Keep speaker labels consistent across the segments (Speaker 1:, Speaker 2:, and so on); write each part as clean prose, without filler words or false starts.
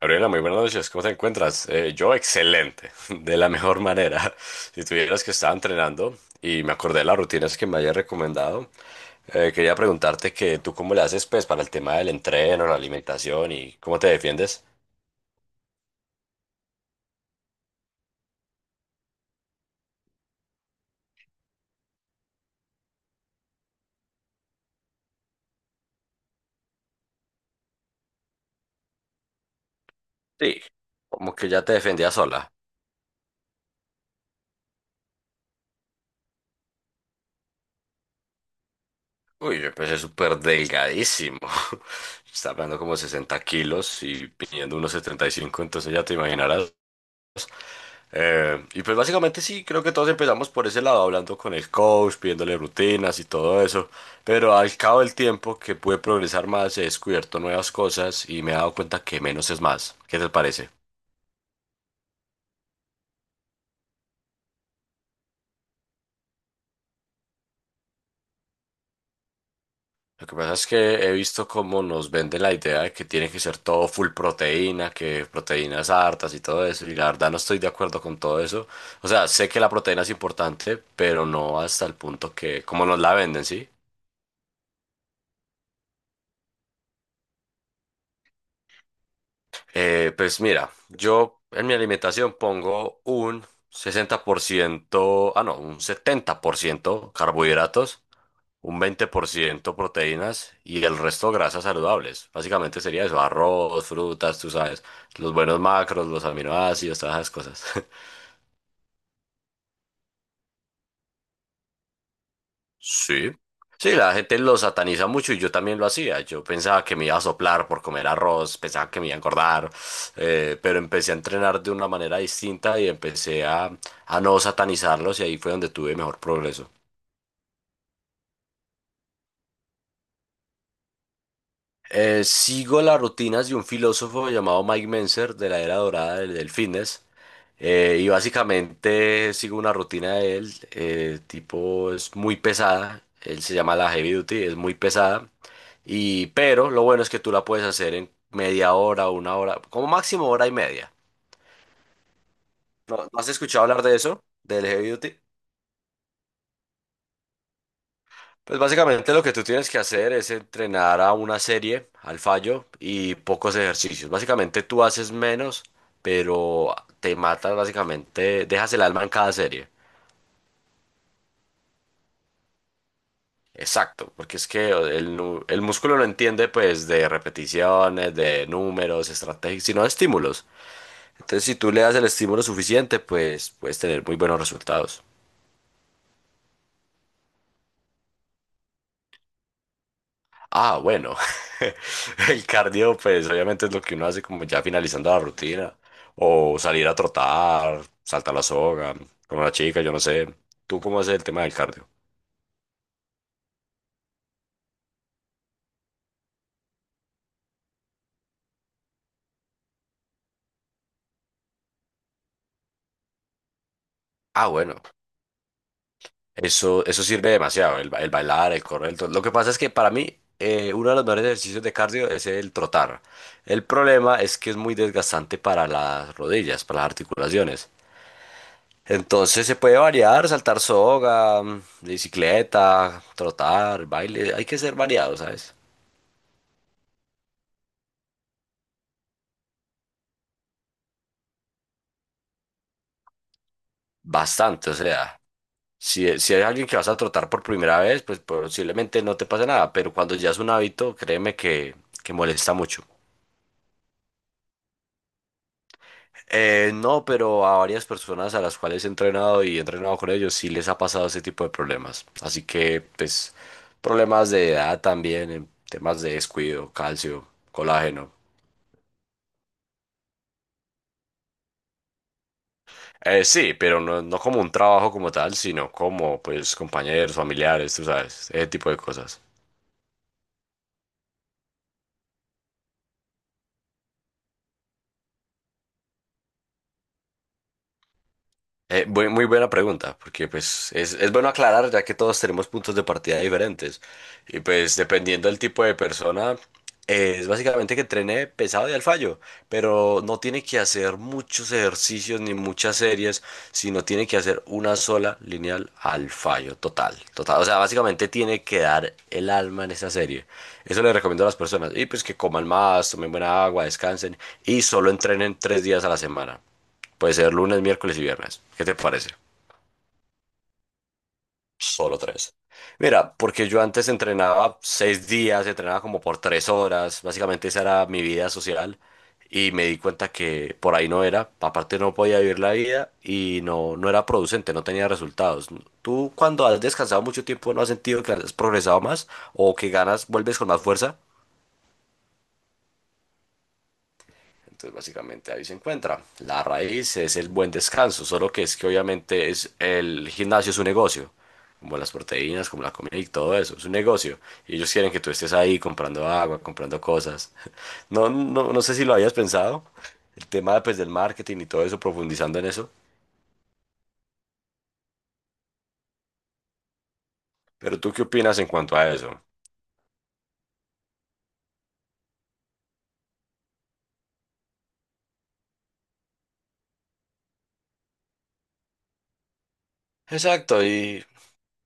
Speaker 1: Gabriela, muy buenas noches, ¿cómo te encuentras? Yo excelente, de la mejor manera. Si tuvieras que estaba entrenando y me acordé de las rutinas que me hayas recomendado, quería preguntarte que tú cómo le haces pues para el tema del entreno, la alimentación y cómo te defiendes. Sí, como que ya te defendía sola. Uy, yo empecé súper delgadísimo. Estaba hablando como 60 kilos y pidiendo unos 75, entonces ya te imaginarás. Y pues básicamente sí, creo que todos empezamos por ese lado, hablando con el coach, pidiéndole rutinas y todo eso, pero al cabo del tiempo que pude progresar más, he descubierto nuevas cosas y me he dado cuenta que menos es más. ¿Qué te parece? Lo que pasa es que he visto cómo nos venden la idea de que tiene que ser todo full proteína, que proteínas hartas y todo eso, y la verdad no estoy de acuerdo con todo eso. O sea, sé que la proteína es importante, pero no hasta el punto que, como nos la venden, ¿sí? Pues mira, yo en mi alimentación pongo un 60%, ah no, un 70% carbohidratos, un 20% proteínas y el resto grasas saludables. Básicamente sería eso, arroz, frutas, tú sabes, los buenos macros, los aminoácidos, todas esas cosas. Sí. Sí, la gente lo sataniza mucho y yo también lo hacía. Yo pensaba que me iba a soplar por comer arroz, pensaba que me iba a engordar, pero empecé a entrenar de una manera distinta y empecé a no satanizarlos y ahí fue donde tuve mejor progreso. Sigo las rutinas de un filósofo llamado Mike Mentzer de la era dorada del fitness. Y básicamente sigo una rutina de él, tipo es muy pesada, él se llama la Heavy Duty, es muy pesada, pero lo bueno es que tú la puedes hacer en media hora, una hora, como máximo hora y media. ¿No, no has escuchado hablar de eso? ¿Del Heavy Duty? Pues básicamente lo que tú tienes que hacer es entrenar a una serie, al fallo y pocos ejercicios. Básicamente tú haces menos, pero te matas básicamente, dejas el alma en cada serie. Exacto, porque es que el músculo no entiende pues de repeticiones, de números, estrategias, sino de estímulos. Entonces si tú le das el estímulo suficiente, pues puedes tener muy buenos resultados. Ah, bueno, el cardio pues obviamente es lo que uno hace como ya finalizando la rutina o salir a trotar, saltar la soga con una chica, yo no sé. ¿Tú cómo haces el tema del cardio? Ah, bueno, eso sirve demasiado, el bailar, el correr, lo que pasa es que para mí uno de los mejores ejercicios de cardio es el trotar. El problema es que es muy desgastante para las rodillas, para las articulaciones. Entonces se puede variar, saltar soga, bicicleta, trotar, baile, hay que ser variado, ¿sabes? Bastante, o sea, si hay alguien que vas a trotar por primera vez, pues posiblemente no te pase nada, pero cuando ya es un hábito, créeme que molesta mucho. No, pero a varias personas a las cuales he entrenado y he entrenado con ellos sí les ha pasado ese tipo de problemas. Así que, pues, problemas de edad también, en temas de descuido, calcio, colágeno. Sí, pero no, no como un trabajo como tal, sino como pues compañeros, familiares, tú sabes, ese tipo de cosas. Muy buena pregunta, porque pues es bueno aclarar ya que todos tenemos puntos de partida diferentes y pues dependiendo del tipo de persona es básicamente que entrene pesado y al fallo, pero no tiene que hacer muchos ejercicios ni muchas series, sino tiene que hacer una sola lineal al fallo total, total, o sea, básicamente tiene que dar el alma en esa serie. Eso le recomiendo a las personas y pues que coman más, tomen buena agua, descansen y solo entrenen 3 días a la semana. Puede ser lunes, miércoles y viernes. ¿Qué te parece? Solo tres. Mira, porque yo antes entrenaba 6 días, entrenaba como por 3 horas, básicamente esa era mi vida social y me di cuenta que por ahí no era, aparte no podía vivir la vida y no, no era producente, no tenía resultados. ¿Tú cuando has descansado mucho tiempo no has sentido que has progresado más o que ganas, vuelves con más fuerza? Entonces, básicamente ahí se encuentra. La raíz es el buen descanso, solo que es que obviamente es el gimnasio es un negocio, como las proteínas, como la comida y todo eso, es un negocio. Y ellos quieren que tú estés ahí comprando agua, comprando cosas. No, no, no sé si lo habías pensado, el tema pues del marketing y todo eso, profundizando en eso. ¿Pero tú qué opinas en cuanto a eso? Exacto,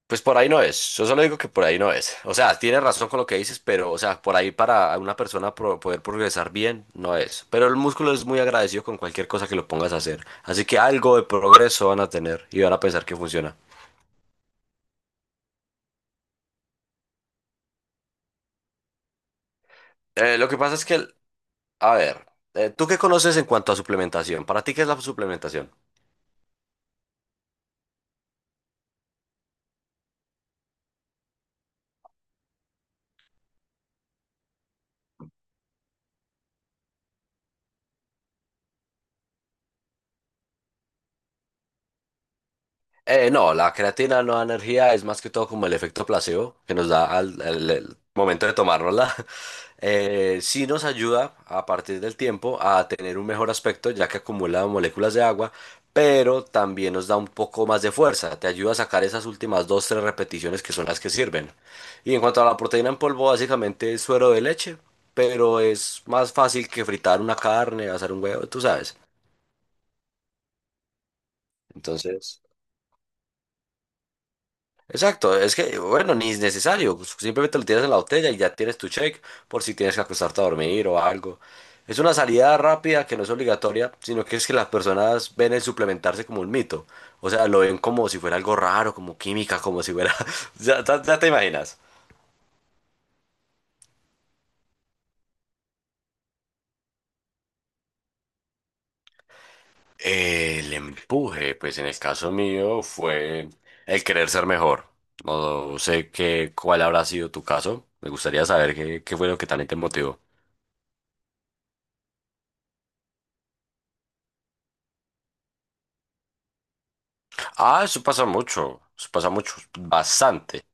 Speaker 1: pues por ahí no es. Yo solo digo que por ahí no es. O sea, tienes razón con lo que dices, pero, o sea, por ahí para una persona poder progresar bien, no es. Pero el músculo es muy agradecido con cualquier cosa que lo pongas a hacer. Así que algo de progreso van a tener y van a pensar que funciona. Lo que pasa es que, a ver, ¿tú qué conoces en cuanto a suplementación? ¿Para ti qué es la suplementación? No, la creatina no da energía, es más que todo como el efecto placebo que nos da el momento de tomárnosla. Sí nos ayuda a partir del tiempo a tener un mejor aspecto ya que acumula moléculas de agua, pero también nos da un poco más de fuerza, te ayuda a sacar esas últimas dos, tres repeticiones que son las que sirven. Y en cuanto a la proteína en polvo, básicamente es suero de leche, pero es más fácil que fritar una carne, hacer un huevo, tú sabes. Entonces... Exacto, es que, bueno, ni es necesario, pues, simplemente lo tiras en la botella y ya tienes tu check por si tienes que acostarte a dormir o algo. Es una salida rápida que no es obligatoria, sino que es que las personas ven el suplementarse como un mito. O sea, lo ven como si fuera algo raro, como química, como si fuera... Ya te imaginas. El empuje, pues en el caso mío fue el querer ser mejor. No sé cuál habrá sido tu caso. Me gustaría saber qué fue lo que también te motivó. Ah, eso pasa mucho, bastante.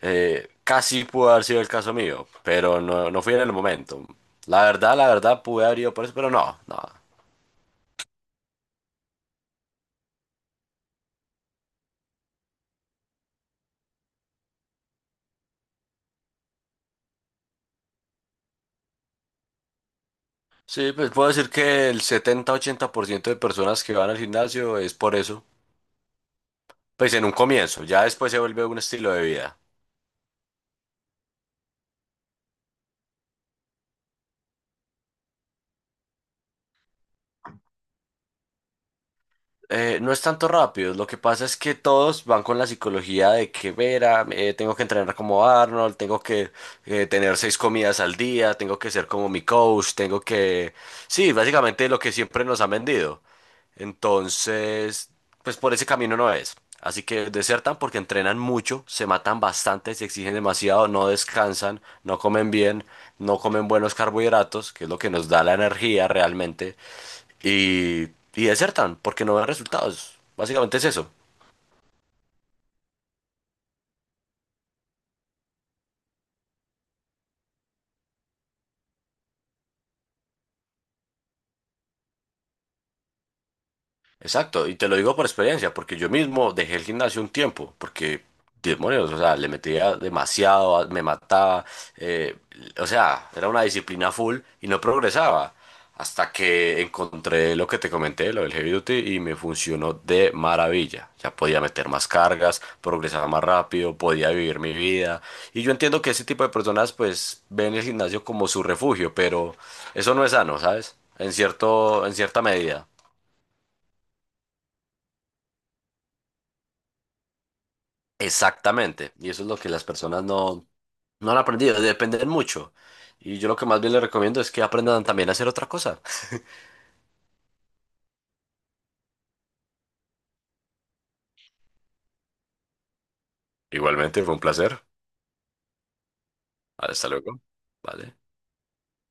Speaker 1: Casi pudo haber sido el caso mío, pero no, no fui en el momento. La verdad, pude haber ido por eso, pero no, no. Sí, pues puedo decir que el 70, 80% de personas que van al gimnasio es por eso. Pues en un comienzo, ya después se vuelve un estilo de vida. No es tanto rápido, lo que pasa es que todos van con la psicología de que Vera, tengo que entrenar como Arnold, tengo que tener 6 comidas al día, tengo que ser como mi coach, tengo que... Sí, básicamente lo que siempre nos han vendido. Entonces, pues por ese camino no es. Así que desertan porque entrenan mucho, se matan bastante, se exigen demasiado, no descansan, no comen bien, no comen buenos carbohidratos, que es lo que nos da la energía realmente, y, y desertan porque no ven resultados. Básicamente es eso. Exacto, y te lo digo por experiencia, porque yo mismo dejé el gimnasio un tiempo, porque demonios, o sea, le metía demasiado, me mataba, eh, o sea, era una disciplina full y no progresaba, hasta que encontré lo que te comenté, lo del heavy duty, y me funcionó de maravilla. Ya podía meter más cargas, progresaba más rápido, podía vivir mi vida, y yo entiendo que ese tipo de personas pues ven el gimnasio como su refugio, pero eso no es sano, ¿sabes? En cierto, en cierta medida. Exactamente, y eso es lo que las personas no han aprendido, dependen mucho. Y yo lo que más bien les recomiendo es que aprendan también a hacer otra cosa. Igualmente, fue un placer. Hasta luego. Vale.